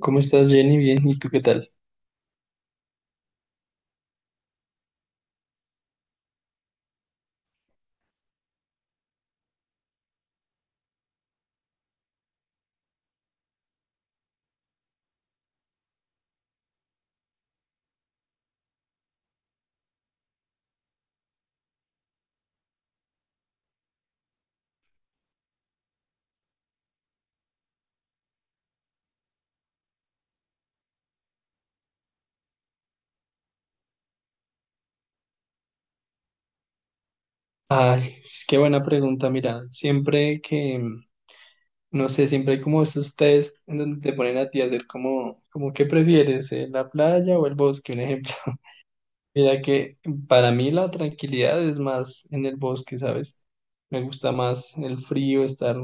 ¿Cómo estás, Jenny? Bien, ¿y tú qué tal? Ay, qué buena pregunta. Mira, siempre que, no sé, siempre hay como esos test en donde te ponen a ti a hacer como ¿qué prefieres, la playa o el bosque? Un ejemplo. Mira que para mí la tranquilidad es más en el bosque, ¿sabes? Me gusta más el frío, estar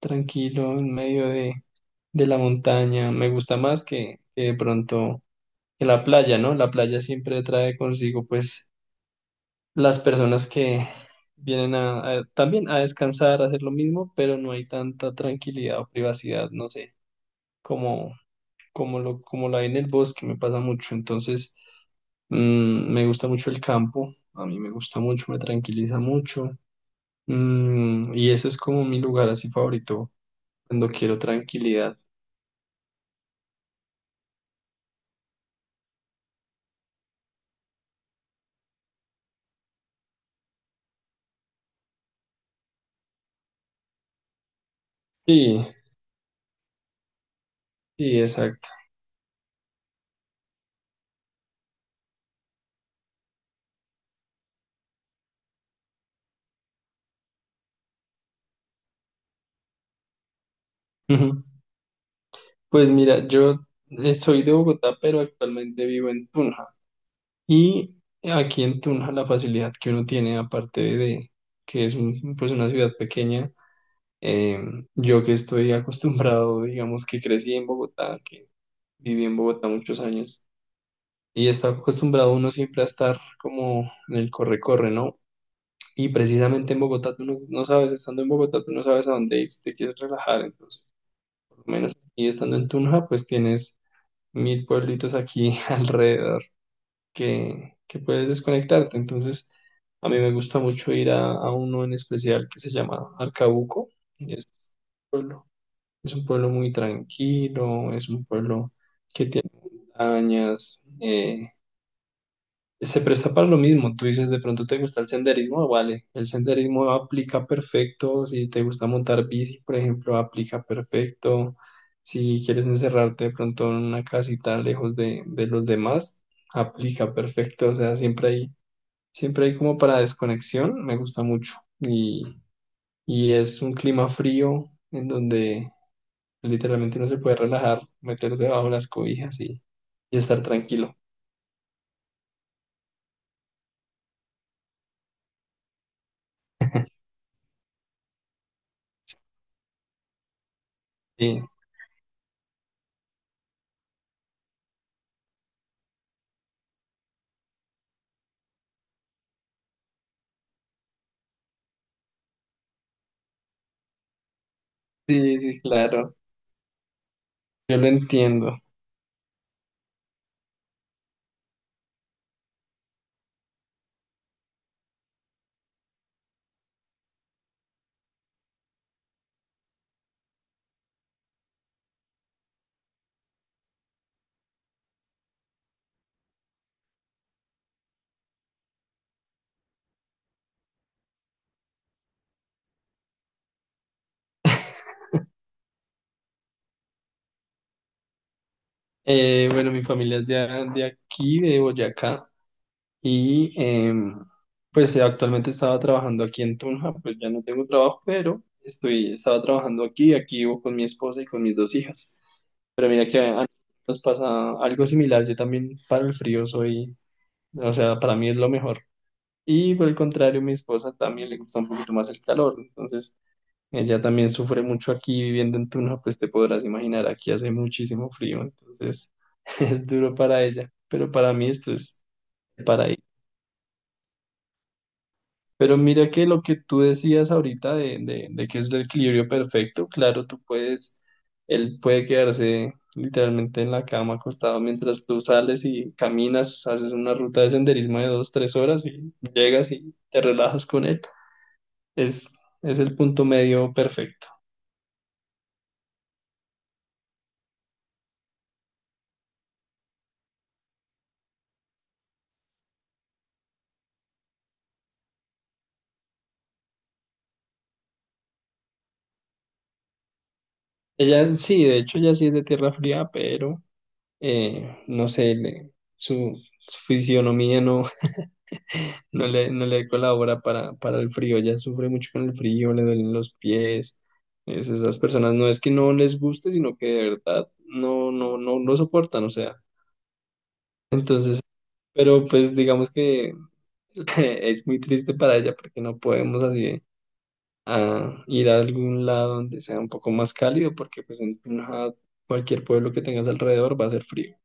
tranquilo en medio de la montaña. Me gusta más que de pronto que la playa, ¿no? La playa siempre trae consigo, pues, las personas que vienen a, también a descansar, a hacer lo mismo, pero no hay tanta tranquilidad o privacidad, no sé, como, como la hay en el bosque, me pasa mucho. Entonces, me gusta mucho el campo, a mí me gusta mucho, me tranquiliza mucho. Y ese es como mi lugar así favorito, cuando quiero tranquilidad. Sí, sí, exacto. Ujú. Pues mira, yo soy de Bogotá, pero actualmente vivo en Tunja. Y aquí en Tunja la facilidad que uno tiene, aparte de que es pues una ciudad pequeña, eh, yo que estoy acostumbrado, digamos que crecí en Bogotá, que viví en Bogotá muchos años, y está acostumbrado uno siempre a estar como en el corre-corre, ¿no? Y precisamente en Bogotá tú no, no sabes, estando en Bogotá tú no sabes a dónde ir si te quieres relajar, entonces por lo menos. Y estando en Tunja pues tienes mil pueblitos aquí alrededor que puedes desconectarte. Entonces, a mí me gusta mucho ir a, uno en especial que se llama Arcabuco. Es un pueblo, es un pueblo muy tranquilo, es un pueblo que tiene montañas, se presta para lo mismo. Tú dices, de pronto te gusta el senderismo, vale. El senderismo aplica perfecto. Si te gusta montar bici, por ejemplo, aplica perfecto. Si quieres encerrarte de pronto en una casita lejos de los demás, aplica perfecto. O sea, siempre hay como para desconexión, me gusta mucho. Y, y es un clima frío en donde literalmente uno se puede relajar, meterse bajo las cobijas y estar tranquilo. Sí, sí, sí, claro, yo lo entiendo. Bueno, mi familia es de, de aquí, de Boyacá, y pues actualmente estaba trabajando aquí en Tunja, pues ya no tengo trabajo, pero estoy, estaba trabajando aquí vivo con mi esposa y con mis dos hijas. Pero mira que a nos pasa algo similar. Yo también para el frío soy, o sea, para mí es lo mejor. Y por el contrario, mi esposa también le gusta un poquito más el calor. Entonces, ella también sufre mucho aquí viviendo en Tuna, pues te podrás imaginar, aquí hace muchísimo frío. Entonces, es duro para ella. Pero para mí esto es paraíso. Pero mira que lo que tú decías ahorita de que es el equilibrio perfecto, claro, tú puedes, él puede quedarse literalmente en la cama acostado mientras tú sales y caminas, haces una ruta de senderismo de 2, 3 horas y llegas y te relajas con él. Es, es el punto medio perfecto. Ella sí, de hecho, ella sí es de tierra fría, pero no sé, su, su fisionomía no, no le colabora para el frío, ya sufre mucho con el frío, le duelen los pies. Esas personas no es que no les guste, sino que de verdad no, no, no lo soportan, o sea. Entonces, pero pues digamos que es muy triste para ella porque no podemos así a ir a algún lado donde sea un poco más cálido, porque pues en Tunja, cualquier pueblo que tengas alrededor va a ser frío.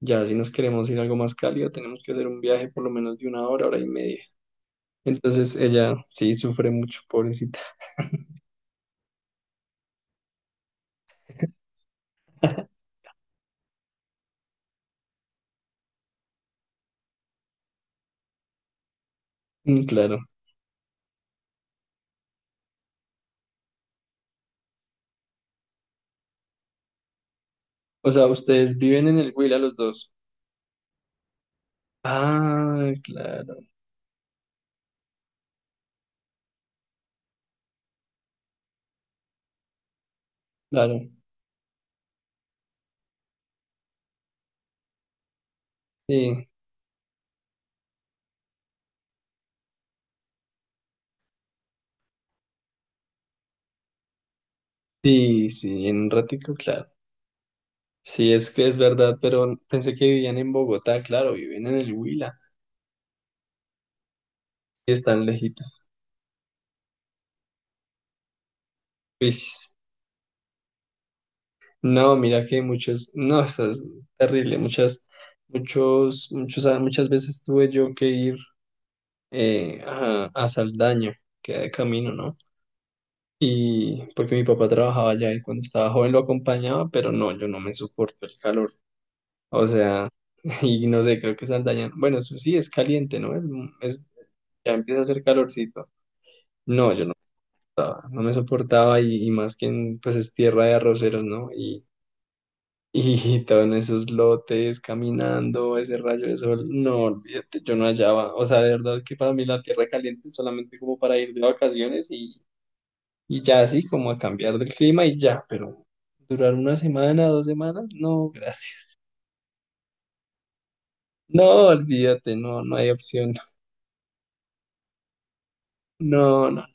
Ya si nos queremos ir a algo más cálido, tenemos que hacer un viaje por lo menos de una hora, hora y media. Entonces ella sí sufre mucho, pobrecita. Mm, claro. O sea, ustedes viven en el Huila los dos. Ah, claro, claro. Sí, sí, sí, en un ratico, claro. Sí, es que es verdad, pero pensé que vivían en Bogotá, claro, viven en el Huila y están lejitos. Uish. No, mira que muchos, no, eso es terrible, muchas, muchos, muchos, ah, muchas veces tuve yo que ir a, Saldaña, que de camino, ¿no? Y porque mi papá trabajaba allá y cuando estaba joven lo acompañaba, pero no, yo no me soporto el calor. O sea, y no sé, creo que Saldaña, bueno, eso sí es caliente, ¿no? Es, es- ya empieza a hacer calorcito. No, yo no, soportaba, no me soportaba y más que en, pues es tierra de arroceros, ¿no? Y todo en esos lotes, caminando, ese rayo de sol, no, olvídate, yo no hallaba. O sea, de verdad que para mí la tierra caliente es solamente como para ir de vacaciones y ya, así como a cambiar del clima y ya, pero durar una semana, 2 semanas, no, gracias. No, olvídate, no, no hay opción. No, no,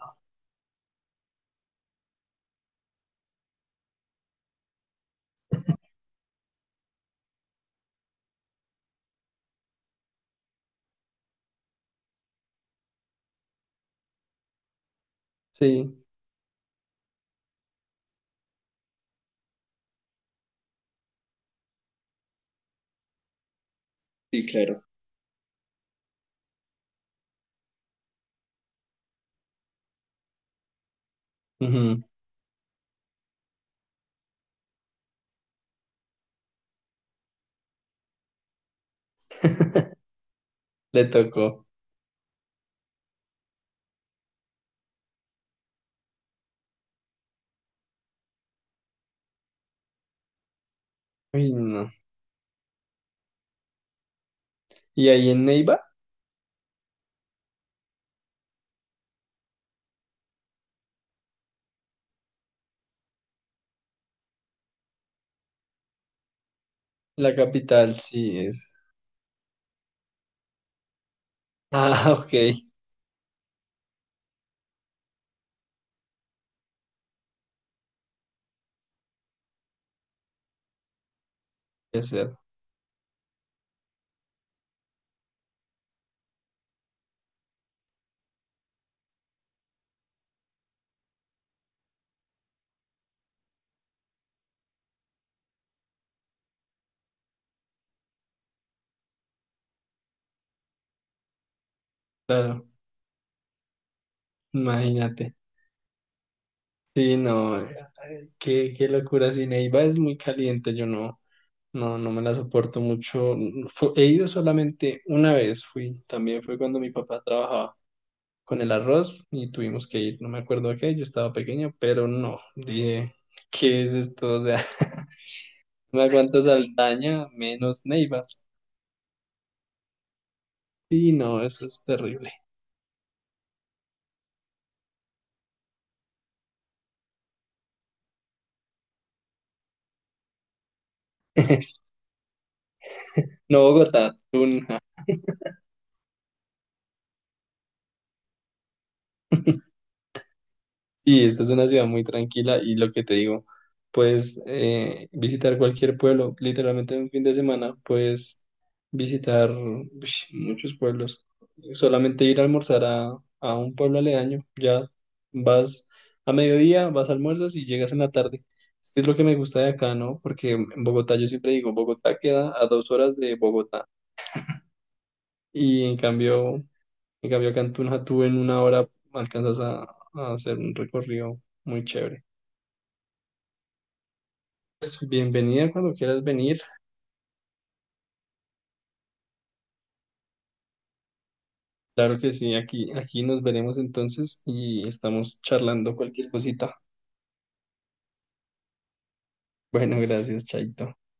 sí, sí, claro. Ujú. Le tocó. Uy, no. Y ahí en Neiva, la capital, sí es. Ah, ok, puede ser, claro, imagínate. Sí, no, ay, qué locura. Sí, Neiva es muy caliente, yo no, no, no me la soporto mucho. He ido solamente una vez, fui, también fue cuando mi papá trabajaba con el arroz y tuvimos que ir, no me acuerdo a qué, yo estaba pequeño, pero no, dije, ¿qué es esto? O sea, no aguanto Saldaña, menos Neiva. Sí, no, eso es terrible. No Bogotá, tú y esta es una ciudad muy tranquila y lo que te digo, puedes visitar cualquier pueblo, literalmente en un fin de semana puedes visitar muchos pueblos. Solamente ir a almorzar a, un pueblo aledaño, ya vas a mediodía, vas a almuerzas y llegas en la tarde. Esto es lo que me gusta de acá, ¿no? Porque en Bogotá yo siempre digo, Bogotá queda a 2 horas de Bogotá y en cambio acá en Tunja tú en 1 hora alcanzas a hacer un recorrido muy chévere. Pues, bienvenida cuando quieras venir. Claro que sí, aquí nos veremos entonces y estamos charlando cualquier cosita. Bueno, gracias, Chaito.